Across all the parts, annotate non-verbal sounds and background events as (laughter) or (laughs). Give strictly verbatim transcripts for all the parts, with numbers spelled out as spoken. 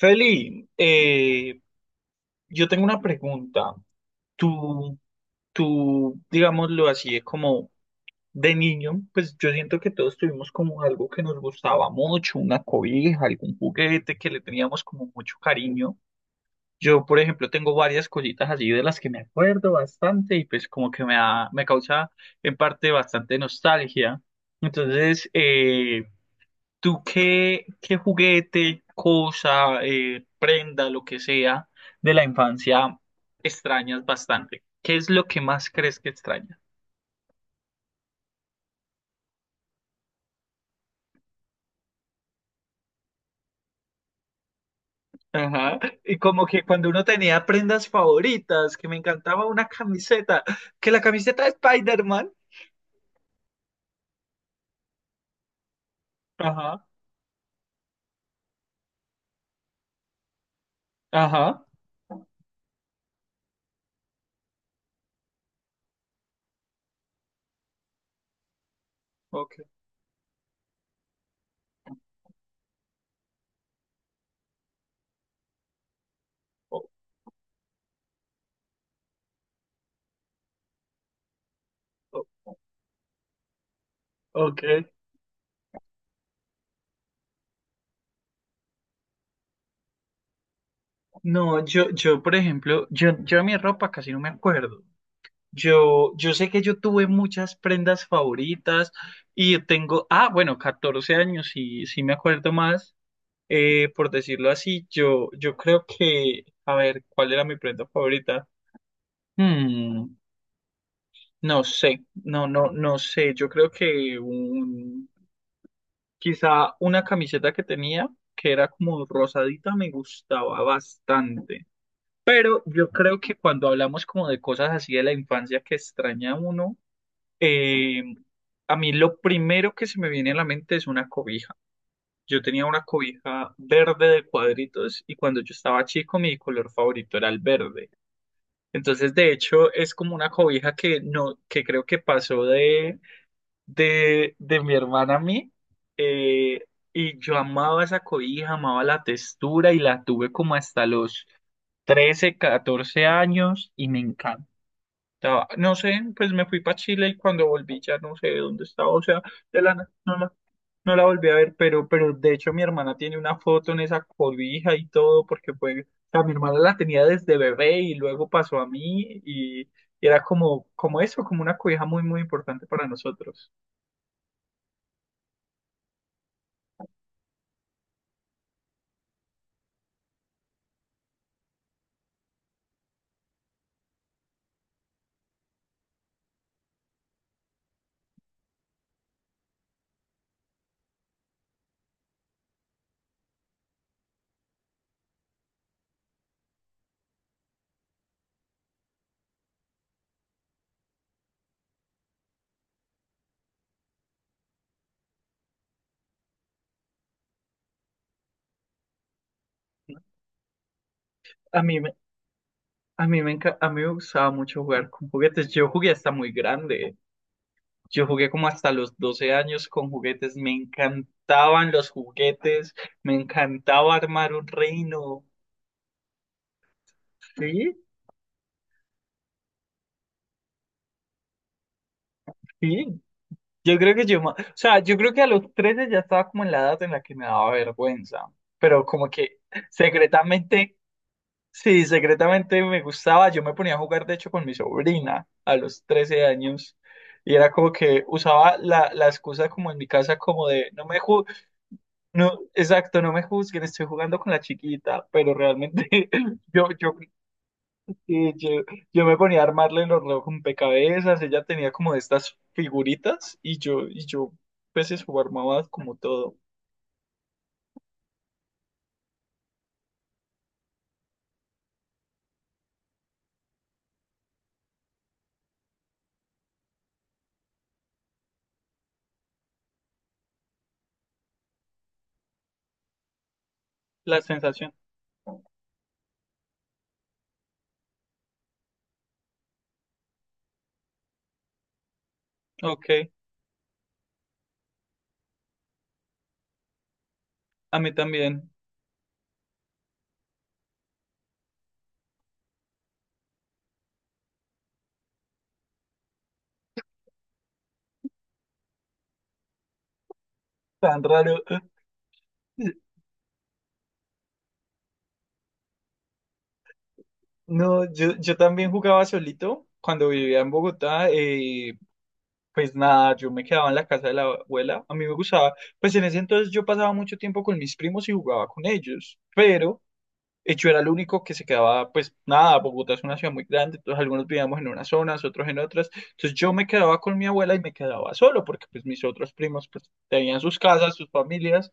Feli, eh, yo tengo una pregunta. Tú, tú, digámoslo así, es como de niño, pues yo siento que todos tuvimos como algo que nos gustaba mucho, una cobija, algún juguete que le teníamos como mucho cariño. Yo, por ejemplo, tengo varias cositas así de las que me acuerdo bastante y pues como que me, da- me causa en parte bastante nostalgia. Entonces, eh, ¿tú qué, qué juguete, cosa, eh, prenda, lo que sea de la infancia extrañas bastante? ¿Qué es lo que más crees que extrañas? Ajá. Y como que cuando uno tenía prendas favoritas, que me encantaba una camiseta, que la camiseta de Spider-Man. Ajá, ajá, ok, o- o- ok. No, yo, yo, por ejemplo, yo, yo de mi ropa casi no me acuerdo. Yo, yo sé que yo tuve muchas prendas favoritas y tengo, ah, bueno, catorce años, y sí, sí me acuerdo más, eh, por decirlo así, yo, yo creo que, a ver, ¿cuál era mi prenda favorita? Hmm, no sé, no, no, no sé, yo creo que un, quizá una camiseta que tenía, que era como rosadita, me gustaba bastante. Pero yo creo que cuando hablamos como de cosas así de la infancia que extraña uno, Eh, a mí lo primero que se me viene a la mente es una cobija. Yo tenía una cobija verde de cuadritos y cuando yo estaba chico mi color favorito era el verde. Entonces, de hecho, es como una cobija que no, que creo que pasó de, de, de mi hermana a mí. eh, y yo amaba esa cobija, amaba la textura y la tuve como hasta los trece, catorce años y me encanta estaba- no sé, pues me fui para Chile y cuando volví ya no sé dónde estaba, o sea, de la na- no la, no la volví a ver, pero, pero de hecho mi hermana tiene una foto en esa cobija y todo, porque pues, o sea, mi hermana la tenía desde bebé y luego pasó a mí y, y era como, como eso, como una cobija muy, muy importante para nosotros. ¿No? A mí, me- a mí me enca- a mí me gustaba mucho jugar con juguetes, yo jugué hasta muy grande. Yo jugué como hasta los doce años con juguetes, me encantaban los juguetes, me encantaba armar un reino. Sí, sí. Yo creo que yo, ma- o sea, yo creo que a los trece ya estaba como en la edad en la que me daba vergüenza, pero como que secretamente, sí, secretamente me gustaba. Yo me ponía a jugar, de hecho, con mi sobrina a los trece años y era como que usaba la, la, excusa como en mi casa como de, no me, ju- no, exacto, no me juzguen, estoy jugando con la chiquita, pero realmente (laughs) yo, yo, eh, yo, yo me ponía a armarle los rompecabezas, ella tenía como de estas figuritas y yo, y yo, pues eso armaba como todo. La sensación, ok, a mí también, tan raro. (laughs) No, yo, yo también jugaba solito cuando vivía en Bogotá, eh, pues nada, yo me quedaba en la casa de la abuela, a mí me gustaba, pues en ese entonces yo pasaba mucho tiempo con mis primos y jugaba con ellos, pero... Y yo era el único que se quedaba, pues nada, Bogotá es una ciudad muy grande, entonces algunos vivíamos en unas zonas, otros en otras. Entonces yo me quedaba con mi abuela y me quedaba solo, porque pues mis otros primos pues tenían sus casas, sus familias,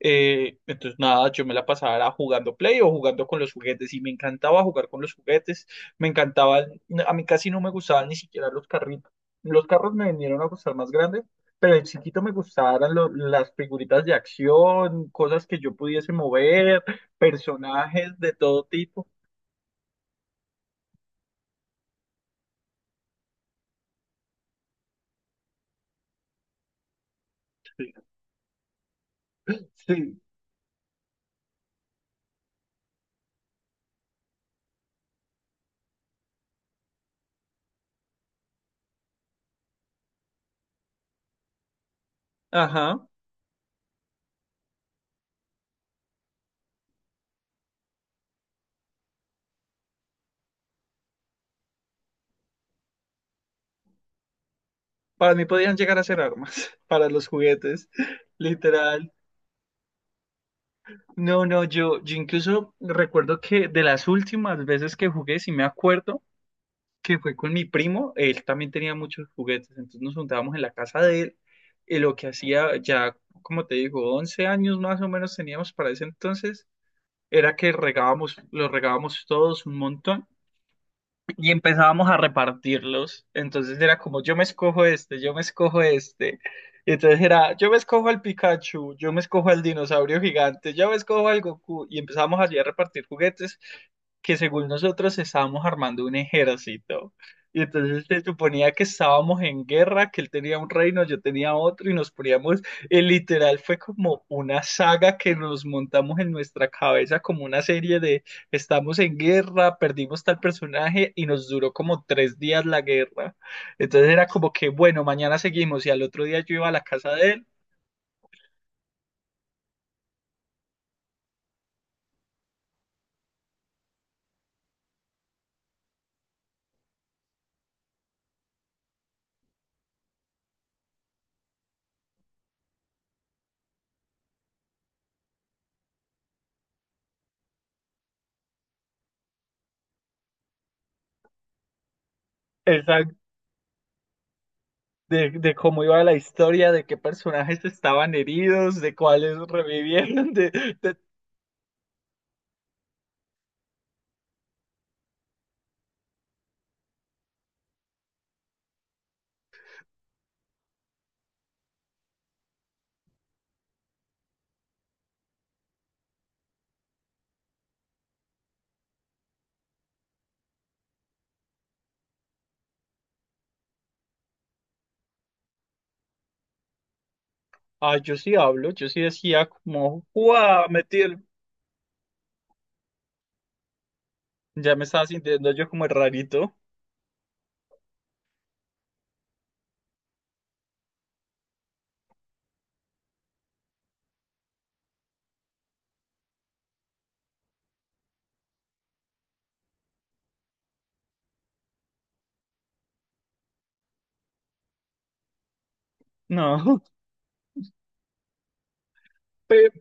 eh, entonces, nada, yo me la pasaba era jugando Play o jugando con los juguetes y me encantaba jugar con los juguetes, me encantaba, a mí casi no me gustaban ni siquiera los carritos. Los carros me vinieron a gustar más grandes, pero de chiquito me gustaban lo- las figuritas de acción, cosas que yo pudiese mover, personajes de todo tipo. Sí, ajá. Para mí podían llegar a ser armas, (laughs) para los juguetes, literal. No, no, yo, yo incluso recuerdo que de las últimas veces que jugué, si me acuerdo, que fue con mi primo, él también tenía muchos juguetes, entonces nos juntábamos en la casa de él, y lo que hacía ya, como te digo, once años más o menos teníamos para ese entonces, era que regábamos, los regábamos todos un montón, y empezábamos a repartirlos. Entonces era como, yo me escojo este, yo me escojo este. Y entonces era, yo me escojo al Pikachu, yo me escojo al dinosaurio gigante, yo me escojo al Goku. Y empezábamos allí a repartir juguetes que según nosotros estábamos armando un ejército. Y entonces se suponía que estábamos en guerra, que él tenía un reino, yo tenía otro, y nos poníamos, eh, literal, fue como una saga que nos montamos en nuestra cabeza, como una serie. Estamos en guerra, perdimos tal personaje y nos duró como tres días la guerra. Entonces era como que, bueno, mañana seguimos y al otro día yo iba a la casa de él, exacto, de, de cómo iba la historia, de qué personajes estaban heridos, de cuáles revivieron, (laughs) de, de- Ah, yo sí hablo, yo sí decía como, ¡guau! Metí el... Ya me estaba sintiendo yo como el rarito. No. (laughs) Pero,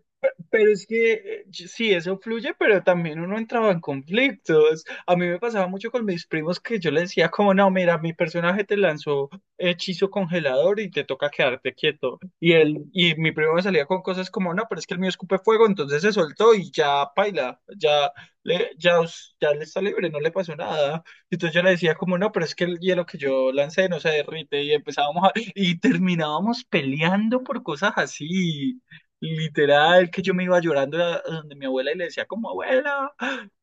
pero es que eh, sí, eso fluye, pero también uno entraba en conflictos. A mí me pasaba mucho con mis primos que yo les decía como, no, mira, mi personaje te lanzó hechizo congelador y te toca quedarte quieto. Y él, y mi primo me salía con cosas como, no, pero es que el mío escupe fuego, entonces se soltó y ya paila, ya le, ya, us- ya le está libre, no le pasó nada. Y entonces yo le decía como, no, pero es que el hielo que yo lancé no se derrite y empezábamos a, y terminábamos peleando por cosas así. Literal, que yo me iba llorando a a donde mi abuela y le decía como, abuela,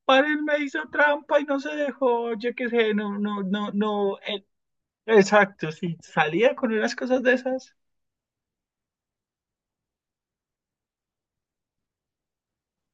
paren, me hizo trampa y no se dejó, yo qué sé, no, no, no, no. eh, Exacto, sí, salía con unas cosas de esas.